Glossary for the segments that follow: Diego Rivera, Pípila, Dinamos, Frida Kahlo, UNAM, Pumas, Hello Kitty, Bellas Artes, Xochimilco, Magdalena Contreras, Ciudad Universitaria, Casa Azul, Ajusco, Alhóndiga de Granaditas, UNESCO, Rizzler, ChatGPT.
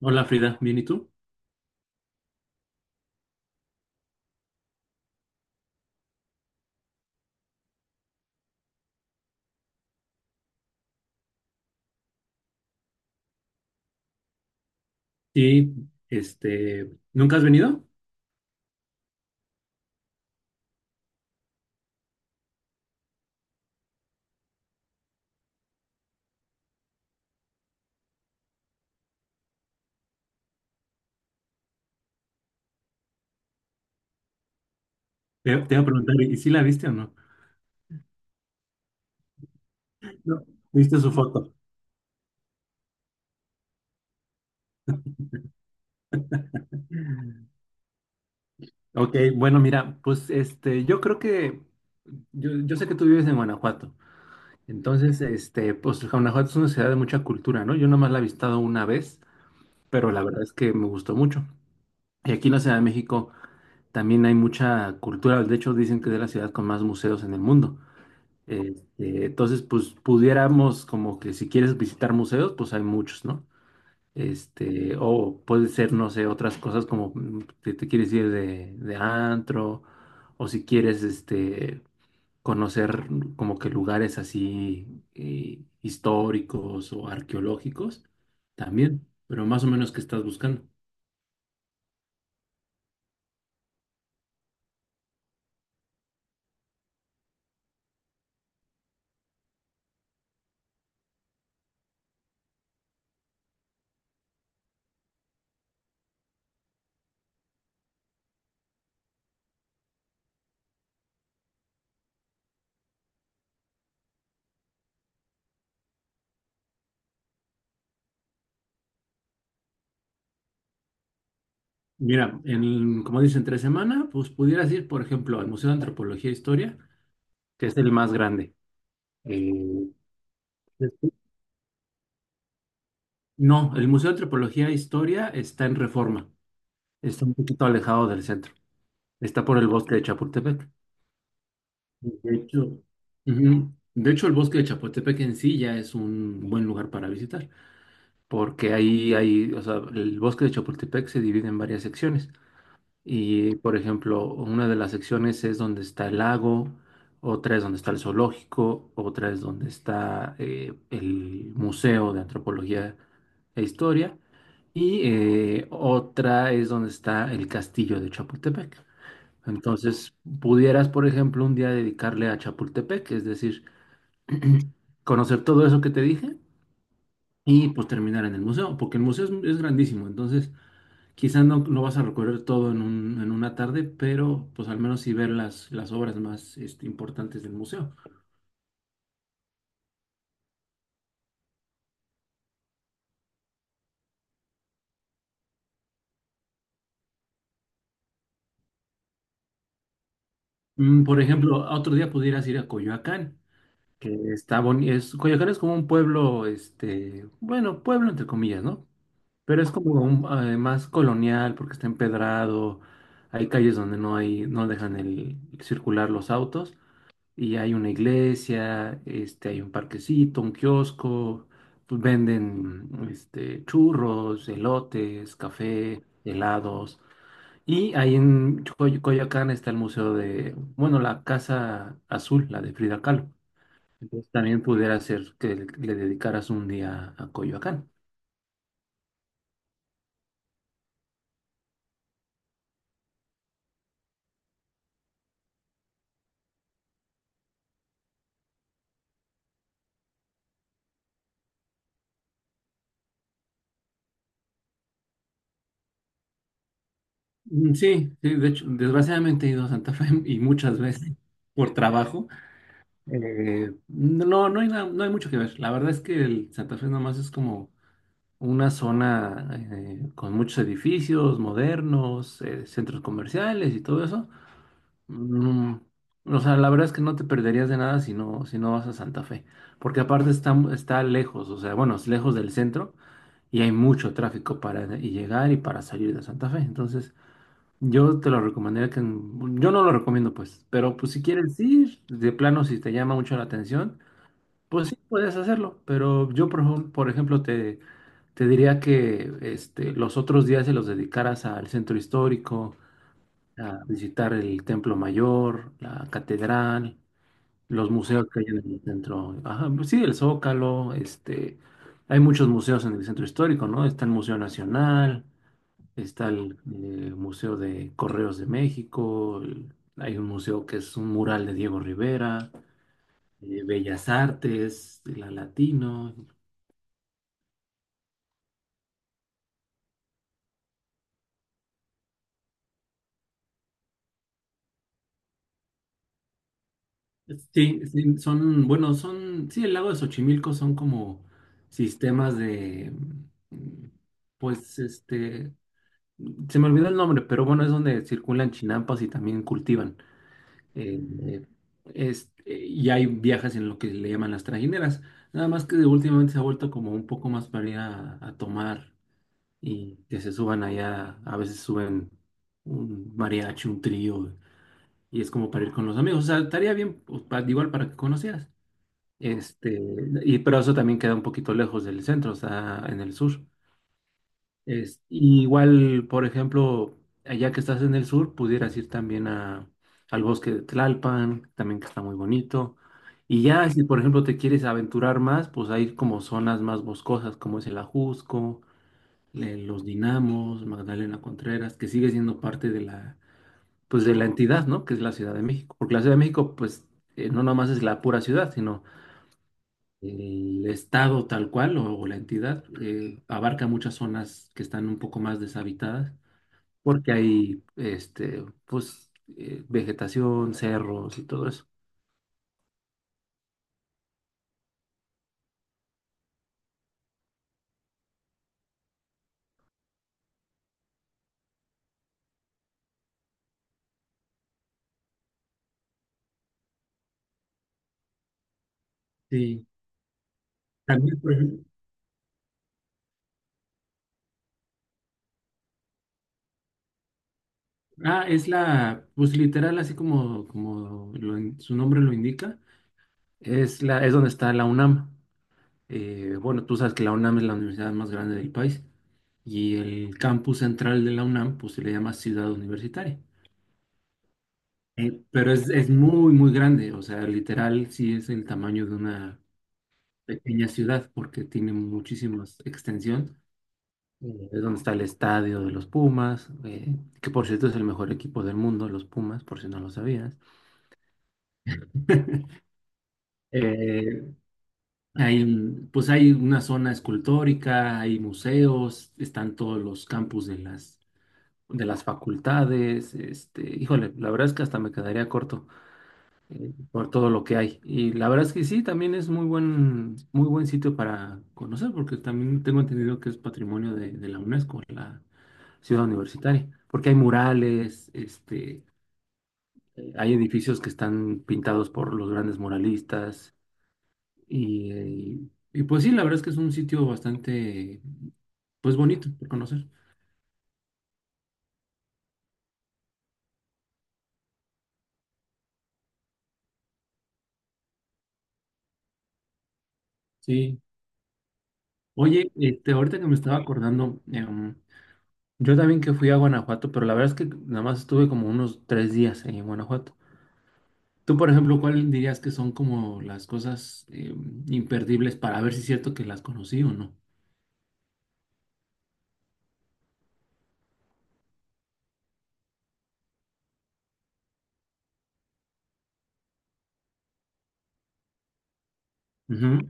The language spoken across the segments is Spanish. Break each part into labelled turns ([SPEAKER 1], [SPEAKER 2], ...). [SPEAKER 1] Hola Frida, ¿bien y tú? Y este, ¿nunca has venido? Te iba a preguntar, ¿y si la viste o no? No. ¿Viste su foto? Ok, bueno, mira, pues este, yo creo que, yo sé que tú vives en Guanajuato, entonces, este, pues Guanajuato es una ciudad de mucha cultura, ¿no? Yo nomás la he visitado una vez, pero la verdad es que me gustó mucho. Y aquí en la Ciudad de México también hay mucha cultura, de hecho dicen que es la ciudad con más museos en el mundo. Este, entonces, pues pudiéramos como que si quieres visitar museos, pues hay muchos, ¿no? Este, o puede ser, no sé, otras cosas como que te quieres ir de antro, o si quieres, este, conocer como que lugares así históricos o arqueológicos, también, pero más o menos ¿qué estás buscando? Mira, en, como dicen, 3 semanas, pues pudieras ir, por ejemplo, al Museo de Antropología e Historia, que es el más grande. Eh, No, el Museo de Antropología e Historia está en Reforma, está un poquito alejado del centro, está por el bosque de Chapultepec. De hecho, ujú, de hecho, el bosque de Chapultepec en sí ya es un buen lugar para visitar, porque ahí hay, o sea, el bosque de Chapultepec se divide en varias secciones. Y, por ejemplo, una de las secciones es donde está el lago, otra es donde está el zoológico, otra es donde está el Museo de Antropología e Historia y otra es donde está el castillo de Chapultepec. Entonces, pudieras, por ejemplo, un día dedicarle a Chapultepec, es decir, conocer todo eso que te dije y pues terminar en el museo, porque el museo es grandísimo, entonces... Quizá no, no vas a recorrer todo en en una tarde, pero pues al menos sí ver las obras más este, importantes del museo. Por ejemplo, otro día pudieras ir a Coyoacán, que está bonito. Es, Coyoacán es como un pueblo, este, bueno, pueblo entre comillas, ¿no? Pero es como un, más colonial porque está empedrado, hay calles donde no hay, no dejan el, circular los autos. Y hay una iglesia, este, hay un parquecito, un kiosco, pues venden este, churros, elotes, café, helados. Y ahí en Coyoacán está el museo de, bueno, la Casa Azul, la de Frida Kahlo. Entonces también pudiera ser que le dedicaras un día a Coyoacán. Sí, sí, de hecho, desgraciadamente he ido a Santa Fe y muchas veces por trabajo. No, no hay nada, no hay mucho que ver. La verdad es que el Santa Fe nomás es como una zona con muchos edificios modernos, centros comerciales y todo eso. Mm, o sea, la verdad es que no te perderías de nada si no vas a Santa Fe, porque aparte está lejos, o sea, bueno, es lejos del centro y hay mucho tráfico para y llegar y para salir de Santa Fe. Entonces, yo te lo recomendaría que, yo no lo recomiendo pues, pero pues si quieres ir, de plano si te llama mucho la atención, pues sí puedes hacerlo, pero yo por ejemplo te diría que este, los otros días se los dedicaras al centro histórico, a visitar el Templo Mayor, la catedral, los museos que hay en el centro. Ajá, pues sí, el Zócalo, este, hay muchos museos en el centro histórico, ¿no? Está el Museo Nacional, está el, Museo de Correos de México, hay un museo que es un mural de Diego Rivera, Bellas Artes, la Latino. Sí, sí, son, bueno, son, sí, el lago de Xochimilco son como sistemas de, mm, pues, este, se me olvidó el nombre, pero bueno, es donde circulan chinampas y también cultivan. eh, eh, este, y hay viajes en lo que le llaman las trajineras, nada más que últimamente se ha vuelto como un poco más para ir a tomar y que se suban allá, a veces suben un mariachi, un trío, y es como para ir con los amigos, o sea, estaría bien, pues, igual para que conocieras. Este, y pero eso también queda un poquito lejos del centro, está en el sur. Es, y igual, por ejemplo, allá que estás en el sur, pudieras ir también al bosque de Tlalpan, también que está muy bonito. Y ya, si por ejemplo te quieres aventurar más, pues hay como zonas más boscosas, como es el Ajusco, los Dinamos, Magdalena Contreras, que sigue siendo parte de la, pues de la entidad, ¿no? Que es la Ciudad de México. Porque la Ciudad de México, pues, no nomás es la pura ciudad, sino el estado tal cual o, la entidad abarca muchas zonas que están un poco más deshabitadas porque hay este, pues, vegetación, cerros y todo eso. Sí. También, por ejemplo, ah, es la, pues literal, así como, como su nombre lo indica, es, la, es donde está la UNAM. Bueno, tú sabes que la UNAM es la universidad más grande del país y el campus central de la UNAM, pues se le llama Ciudad Universitaria. Pero es muy, muy grande, o sea, literal sí es el tamaño de una pequeña ciudad porque tiene muchísima extensión. Es donde está el estadio de los Pumas, que por cierto es el mejor equipo del mundo, los Pumas, por si no lo sabías. Eh, hay, pues hay una zona escultórica, hay museos, están todos los campus de las, facultades. Este, híjole, la verdad es que hasta me quedaría corto, por todo lo que hay. Y la verdad es que sí, también es muy buen sitio para conocer, porque también tengo entendido que es patrimonio de, la UNESCO, la ciudad universitaria, porque hay murales, este, hay edificios que están pintados por los grandes muralistas, y, y pues sí, la verdad es que es un sitio bastante, pues bonito por conocer. Sí. Oye, este, ahorita que me estaba acordando, yo también que fui a Guanajuato, pero la verdad es que nada más estuve como unos 3 días en Guanajuato. Tú, por ejemplo, ¿cuál dirías que son como las cosas imperdibles para ver si es cierto que las conocí o no? Ujú.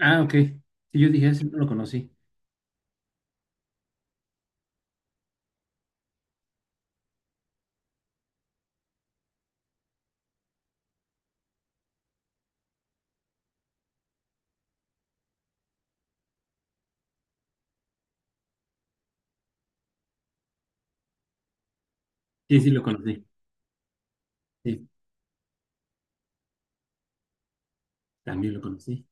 [SPEAKER 1] Ah, ok. Sí, yo dije, sí, no lo conocí. Sí, sí, lo conocí. Sí, también lo conocí.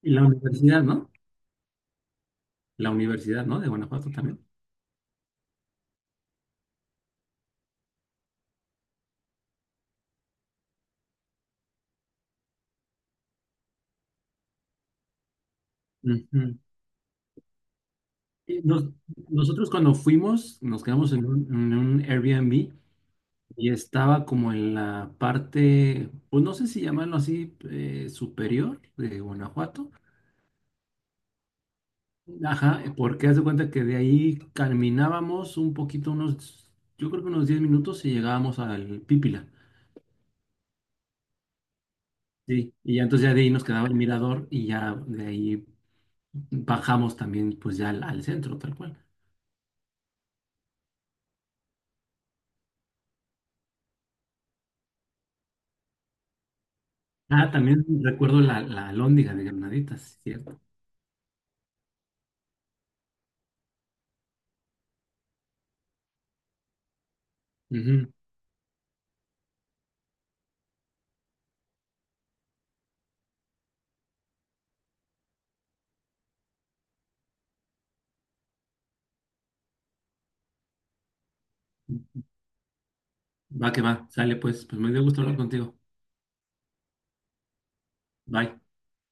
[SPEAKER 1] Y la universidad, ¿no? La universidad, ¿no? De Guanajuato también. Ujú. Y nosotros cuando fuimos, nos quedamos en un Airbnb y estaba como en la parte, pues no sé si llamarlo así, superior de Guanajuato. Ajá, porque haz de cuenta que de ahí caminábamos un poquito, unos, yo creo que unos 10 minutos y llegábamos al Pípila. Sí, y ya entonces ya de ahí nos quedaba el mirador y ya de ahí bajamos también pues ya al centro, tal cual. Ah, también recuerdo la alhóndiga de Granaditas, cierto. Ujú. Va que va, sale pues, pues me dio gusto hablar contigo. Bye.